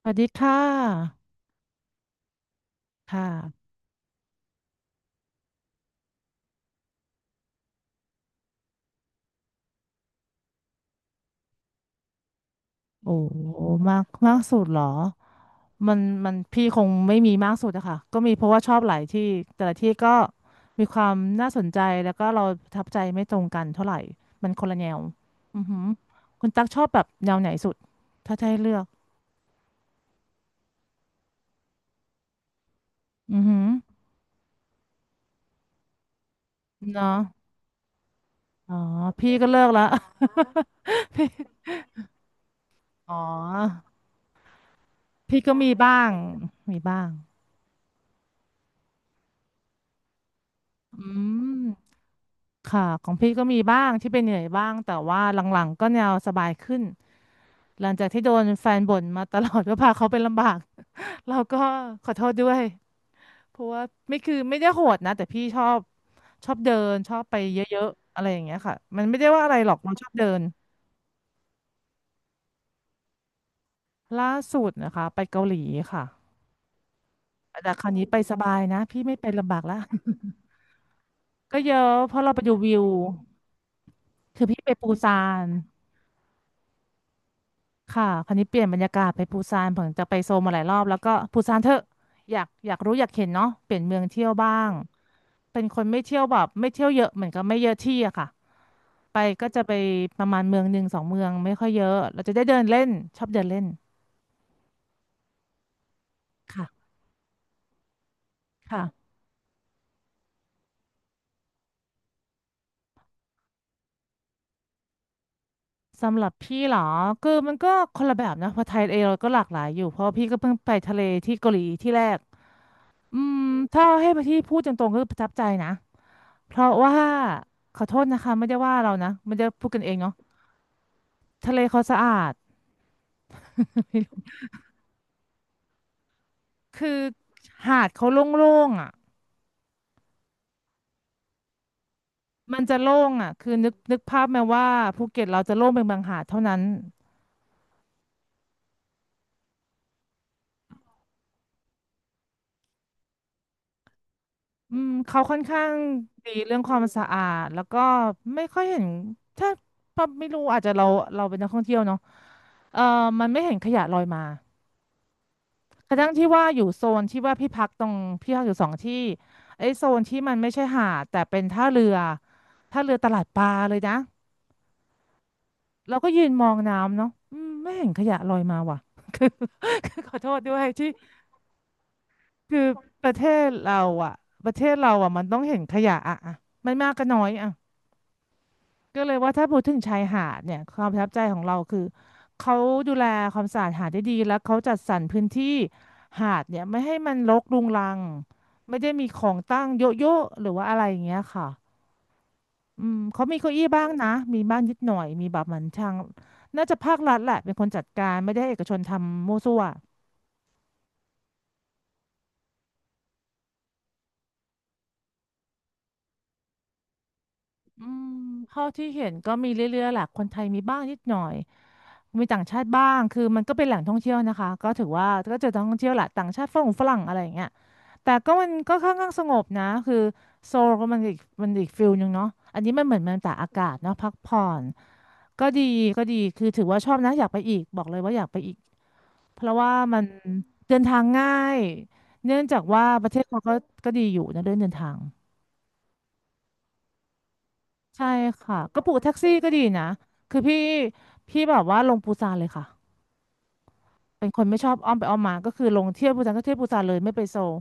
สวัสดีค่ะค่ะโอ้มากมากสุดเหรอมันพี่คงไม่มีมากสุดอะค่ะก็มีเพราะว่าชอบหลายที่แต่ละที่ก็มีความน่าสนใจแล้วก็เราประทับใจไม่ตรงกันเท่าไหร่มันคนละแนวอือหือคุณตั๊กชอบแบบแนวไหนสุดถ้าจะให้เลือกอือหือเนาะอ๋อพี่ก็เลิกละ อ๋อพี่ก็มีบ้างอืม ค่ะของพี่ก็มีบ้างที่เป็นเหนื่อยบ้างแต่ว่าหลังๆก็แนวสบายขึ้นหลังจากที่โดนแฟนบ่นมาตลอดว่าพาเขาเป็นลำบาก เราก็ขอโทษด้วยเพราะว่าไม่คือไม่ได้โหดนะแต่พี่ชอบเดินชอบไปเยอะๆอะไรอย่างเงี้ยค่ะมันไม่ได้ว่าอะไรหรอกเราชอบเดินล่าสุดนะคะไปเกาหลีค่ะแต่คราวนี้ไปสบายนะพี่ไม่ไปลำบากแล้ว ก็เยอะเพราะเราไปดูวิวคือพี่ไปปูซาน ค่ะคราวนี้เปลี่ยนบรรยากาศไปปูซานผมจะไปโซลมาหลายรอบแล้วก็ปูซานเถอะอยากอยากรู้อยากเห็นเนาะเปลี่ยนเมืองเที่ยวบ้างเป็นคนไม่เที่ยวแบบไม่เที่ยวเยอะเหมือนกับไม่เยอะที่อะค่ะไปก็จะไปประมาณเมืองหนึ่งสองเมืองไม่ค่อยเยอะเราจะได้เดินเล่นชอบเดินเล่นค่ะค่ะสำหรับพี่เหรอคือมันก็คนละแบบนะเพราะไทยเองเราก็หลากหลายอยู่เพราะว่าพี่ก็เพิ่งไปทะเลที่เกาหลีที่แรกอืมถ้าให้พี่พูดตรงๆก็คือประทับใจนะ เพราะว่าขอโทษนะคะไม่ได้ว่าเรานะไม่ได้พูดกันเองเนาะทะเลเขาสะอาดคือหาดเขาโล่งๆอ่ะมันจะโล่งอ่ะคือนึกภาพไหมว่าภูเก็ตเราจะโล่งเป็นบางหาดเท่านั้นอืมเขาค่อนข้างดีเรื่องความสะอาดแล้วก็ไม่ค่อยเห็นถ้าปั๊บไม่รู้อาจจะเราเป็นนักท่องเที่ยวเนาะเออมันไม่เห็นขยะลอยมา กระทั่งที่ว่าอยู่โซนที่ว่าพี่พักตรงพี่พักอยู่สองที่ไอ้โซนที่มันไม่ใช่หาดแต่เป็นท่าเรือตลาดปลาเลยนะเราก็ยืนมองน้ำเนาะอืมไม่เห็นขยะลอยมาว่ะ คือคือขอโทษด้วยที่คือประเทศเราอ่ะประเทศเราอ่ะมันต้องเห็นขยะอ่ะอะไม่มากก็น้อยอ่ะ ก็เลยว่าถ้าพูดถึงชายหาดเนี่ยความประทับใจของเราคือเขาดูแลความสะอาดหาดได้ดีแล้วเขาจัดสรรพื้นที่หาดเนี่ยไม่ให้มันรกรุงรังไม่ได้มีของตั้งเยอะๆหรือว่าอะไรอย่างเงี้ยค่ะอืมเขามีเก้าอี้บ้างนะมีบ้างนิดหน่อยมีแบบเหมือนทางน่าจะภาครัฐแหละเป็นคนจัดการไม่ได้ให้เอกชนทำมั่วซั่วอืมเท่าที่เห็นก็มีเรื่อยๆแหละคนไทยมีบ้างนิดหน่อย มีต่างชาติบ้าง คือมันก็เป็นแหล่งท่องเที่ยวนะคะ ก็ถือว่าก็เจอท่องเที่ยวแหละต่างชาติฝรั่งฝรั่งอะไรอย่างเงี้ยแต่ก็มันก็ค่อนข้างสงบนะคือโซลก็มันอีกฟิลหนึ่งเนาะอันนี้มันเหมือนมันตากอากาศเนาะพักผ่อนก็ดีก็ดี คือถือว่าชอบนะอยากไปอีกบอกเลยว่าอยากไปอีก เพราะว่ามันเดินทางง่ายเนื่องจากว่าประเทศเขาก็ดีอยู่นะเรื่องเดินทางใช่ค่ะก็ปลูกแท็กซี่ก็ดีนะคือพี่แบบว่าลงปูซานเลยค่ะ เป็นคนไม่ชอบอ้อมไปอ้อมมาก็คือลงเที่ยวปูซานก็เที่ยวปูซานเลยไม่ไปโซล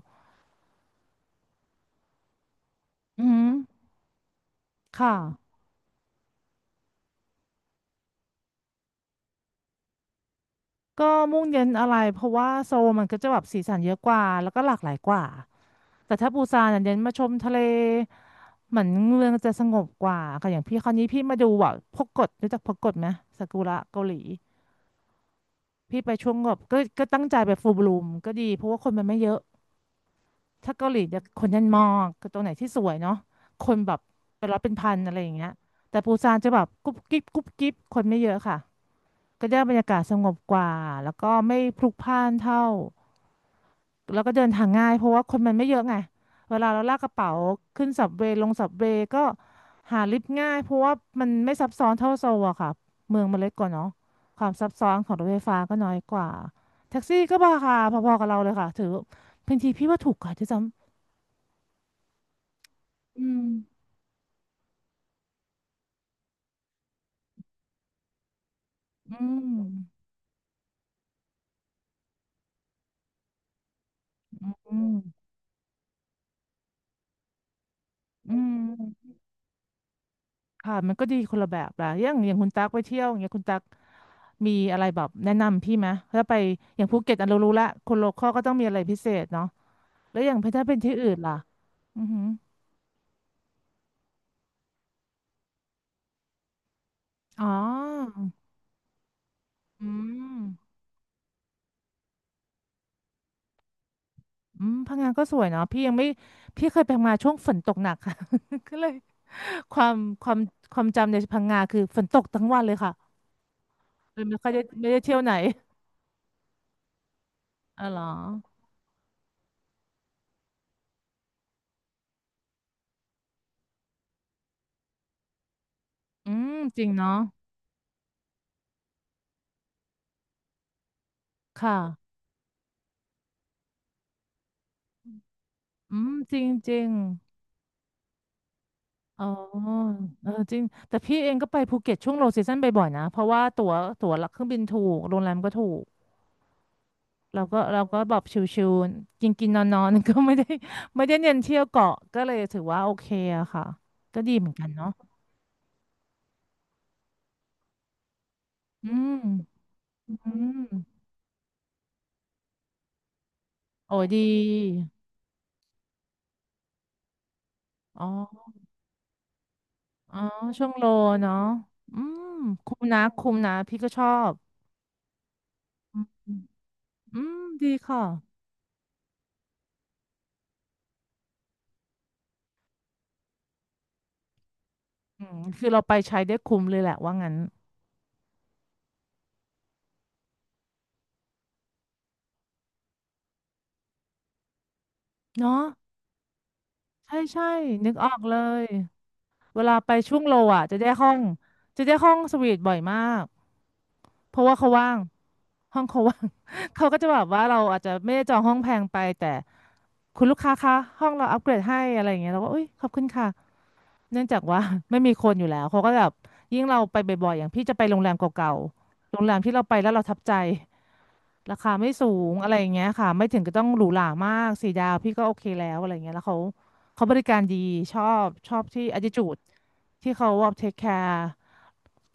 อือหือค่ะก็มุ่งเน้นอะไรเพราะว่าโซลมันก็จะแบบสีสันเยอะกว่าแล้วก็หลากหลายกว่า แต่ถ้าปูซานเน่ยเน้นมาชมทะเลเหมือนเมืองจะสงบกว่าค่ะอย่างพี่คราวนี้พี่มาดูว่าพกกดรู้จักพกกดไหมซากุระเกาหลี พี่ไปช่วงแบบก็ตั้งใจไปฟูลบลูมก็ดีเพราะว่าคนมันไม่เยอะ ถ้าเกาหลีจะคนยันมองคือตรงไหนที่สวยเนาะคนแบบเป็นร้อยเป็นพันอะไรอย่างเงี้ยแต่ปูซานจะแบบกุ๊บกิ๊บกุ๊บกิ๊บคนไม่เยอะค่ะก็ได้บรรยากาศสงบกว่าแล้วก็ไม่พลุกพล่านเท่าแล้วก็เดินทางง่ายเพราะว่าคนมันไม่เยอะไงเวลาเราลากกระเป๋าขึ้นสับเวย์ลงสับเวย์ก็หาลิฟต์ง่ายเพราะว่ามันไม่ซับซ้อนเท่าโซลอะค่ะเมืองมันเล็กกว่าเนาะความซับซ้อนของรถไฟฟ้าก็น้อยกว่าแท็กซี่ก็ราคาพอๆกับเราเลยค่ะถือบางทีพี่ว่าถูกกว่าด้วยซ้ำอืม อืมอืม อืมค่ะมันก็ดีคนละแบบละอย่างอย่างคุณตั๊กไปเที่ยวอย่างเงี้ยคุณตั๊กมีอะไรแบบแนะนำพี่ไหมถ้าไปอย่างภูเก็ตอันเรารู้ละคนโลคอลก็ต้องมีอะไรพิเศษเนาะแล้วอย่างถ้าเป็นที่อื่นล่ะอือหืออ๋ออืมอืมพังงานก็สวยเนาะพี่ยังไม่พี่เคยไปพังงาช่วงฝนตกหนัก ค่ะ ก็เลยความความความจำในพังงาคือฝนตกทั้งวันเลยค่ะเลยไม่ค่อยได้ไม่ได้เที่ยวไหนอ๋อเหรออืม จริงเนาะค่ะ อืมจริงจริงอ๋อเออจริง แต่พี่เองก็ไปภูเก็ตช่วงโลซีซั่นบ่อยๆนะ เพราะว่าตั๋วหลักเครื่องบินถูก โรงแรมก็ถูกเราก็แบบชิวๆกินกินนอนนอนๆ ก็ไม่ได้ ไม่ได้เน้นเที่ยวเกาะก็เลยถือว่าโอเคอะค่ะ ก็ดีเหมือนกันเนาะอืมอืมโอ้ยดีอ๋ออ๋อช่วงโลเนาะอืมคุ้มนะคุ้มนะพี่ก็ชอบอืมอืมดีค่ะอืมคือเราไปใช้ได้คุ้มเลยแหละว่างั้นเนาะ ใช่ใช่นึกออกเลยเวลาไปช่วงโลอ่ะจะได้ห้องจะได้ห้องสวีทบ่อยมากเพราะว่าเขาว่างห้องเขาว่าง เขาก็จะแบบว่าเราอาจจะไม่ได้จองห้องแพงไปแต่คุณลูกค้าคะห้องเราอัปเกรดให้อะไรอย่างเงี้ยเราก็อุ้ยขอบคุณค่ะเนื่องจากว่า ไม่มีคนอยู่แล้วเขาก็แบบยิ่งเราไปบ่อยๆอย่างพี่จะไปโรงแรมเก่าๆโรงแรมที่เราไปแล้วเราทับใจ ราคาไม่สูงอะไรอย่างเงี้ยค่ะไม่ถึงก็ต้องหรูหรามากสี่ดาวพี่ก็โอเคแล้วอะไรเงี้ยแล้วเขาบริการดีชอบที่ attitude ที่เขาว่า take care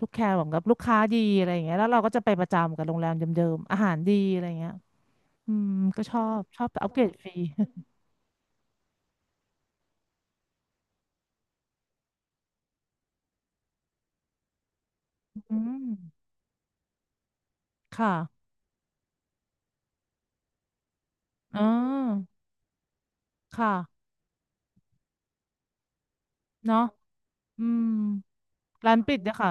ลูกแคร์ของกับลูกค้าดีอะไรอย่างเงี้ยแล้วเราก็จะไปประจำกับโรงแรมเดิมๆอาหารดีอะไรเงี้ยอืมก็ชอบอัปเกรดฟรี อืมค่ะอ๋อค่ะเนาะอืมร้านปิดเนยคะ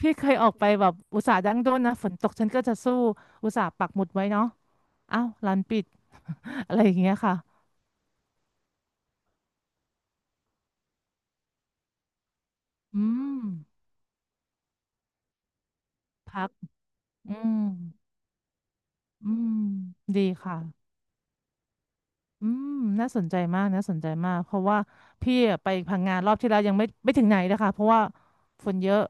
พี่เคยออกไปแบบอุตส่าห์ดั้งด้นนะฝนตกฉันก็จะสู้อุตส่าห์ปักหมุดไว้เนาะอ้าวร้านปิด อะไรอย่างเงี้ยค่ะอืมพักอืมอืมดีค่ะอืมน่าสนใจมากน่าสนใจมากเพราะว่าพี่อะไปพังงานรอบที่แล้วยังไม่ไม่ถึงไหนนะคะเพราะว่าฝนเยอะ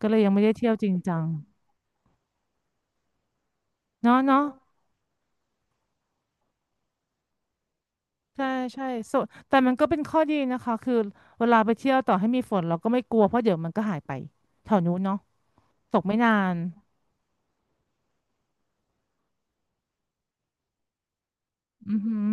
ก็เลยยังไม่ได้เที่ยวจริงจังเนาะเนาะใช่ใช่ส่วนแต่มันก็เป็นข้อดีนะคะคือเวลาไปเที่ยวต่อให้มีฝนเราก็ไม่กลัวเพราะเดี๋ยวมันก็หายไปแถวนู้นเนาะตกไม่นาน อือหือ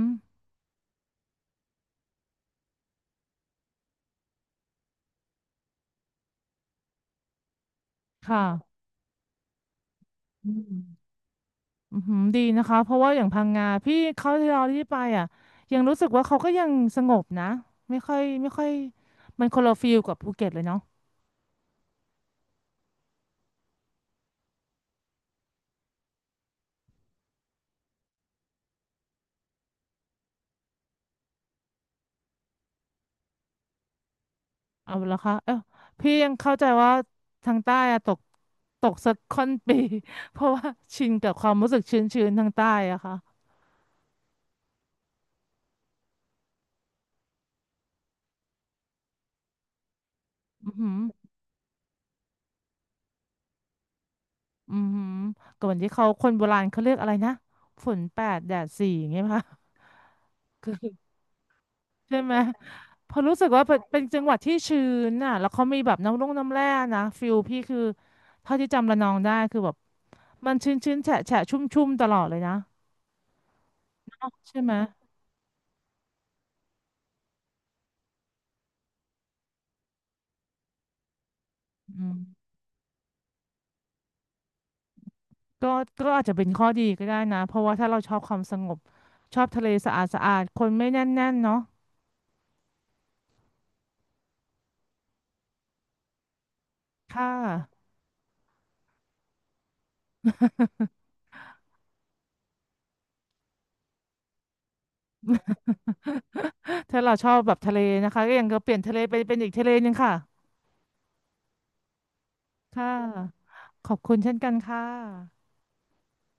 ค่ะอืมอือหือดีนะคะ เพราะว่าอย่างพังงาพี่เขาที่เราที่ไปอ่ะยังรู้สึกว่าเขาก็ยังสงบนะไม่ค่อยไม่ค่อยมันคนละฟีลกับภูเก็ตเลยเนาะเอาละคะเออพี่ยังเข้าใจว่าทางใต้อะตกตกสักค่อนปี เพราะว่าชินกับความรู้สึกชื้นๆทางใต้อะค่ะอือหืออือหือก่อนที่เขาคนโบราณเขาเรียกอะไรนะฝนแปดแดดสี่อย่างเงี้ยป่ะ คือใช่ไหม พอรู้สึกว่าเป็นจังหวัดที่ชื้นน่ะแล้วเขามีแบบน้ำร่องน้ำแร่นะฟิลพี่คือเท่าที่จำระนองได้คือแบบมันชื้นชื้นแฉะแฉะชุ่มชุ่มๆตลอดเลยนะใช่ไหมอืมก็ก็อาจจะเป็นข้อดีก็ได้นะเพราะว่าถ้าเราชอบความสงบชอบทะเลสะอาดสะอาดคนไม่แน่นแน่นเนาะค่ะถ้าเราชอบแบบทะเลนะคะก็ยังก็เปลี่ยนทะเลไปเป็นอีกทะเลหนึงค่ะค่ะขอบคุณเช่นกันค่ะ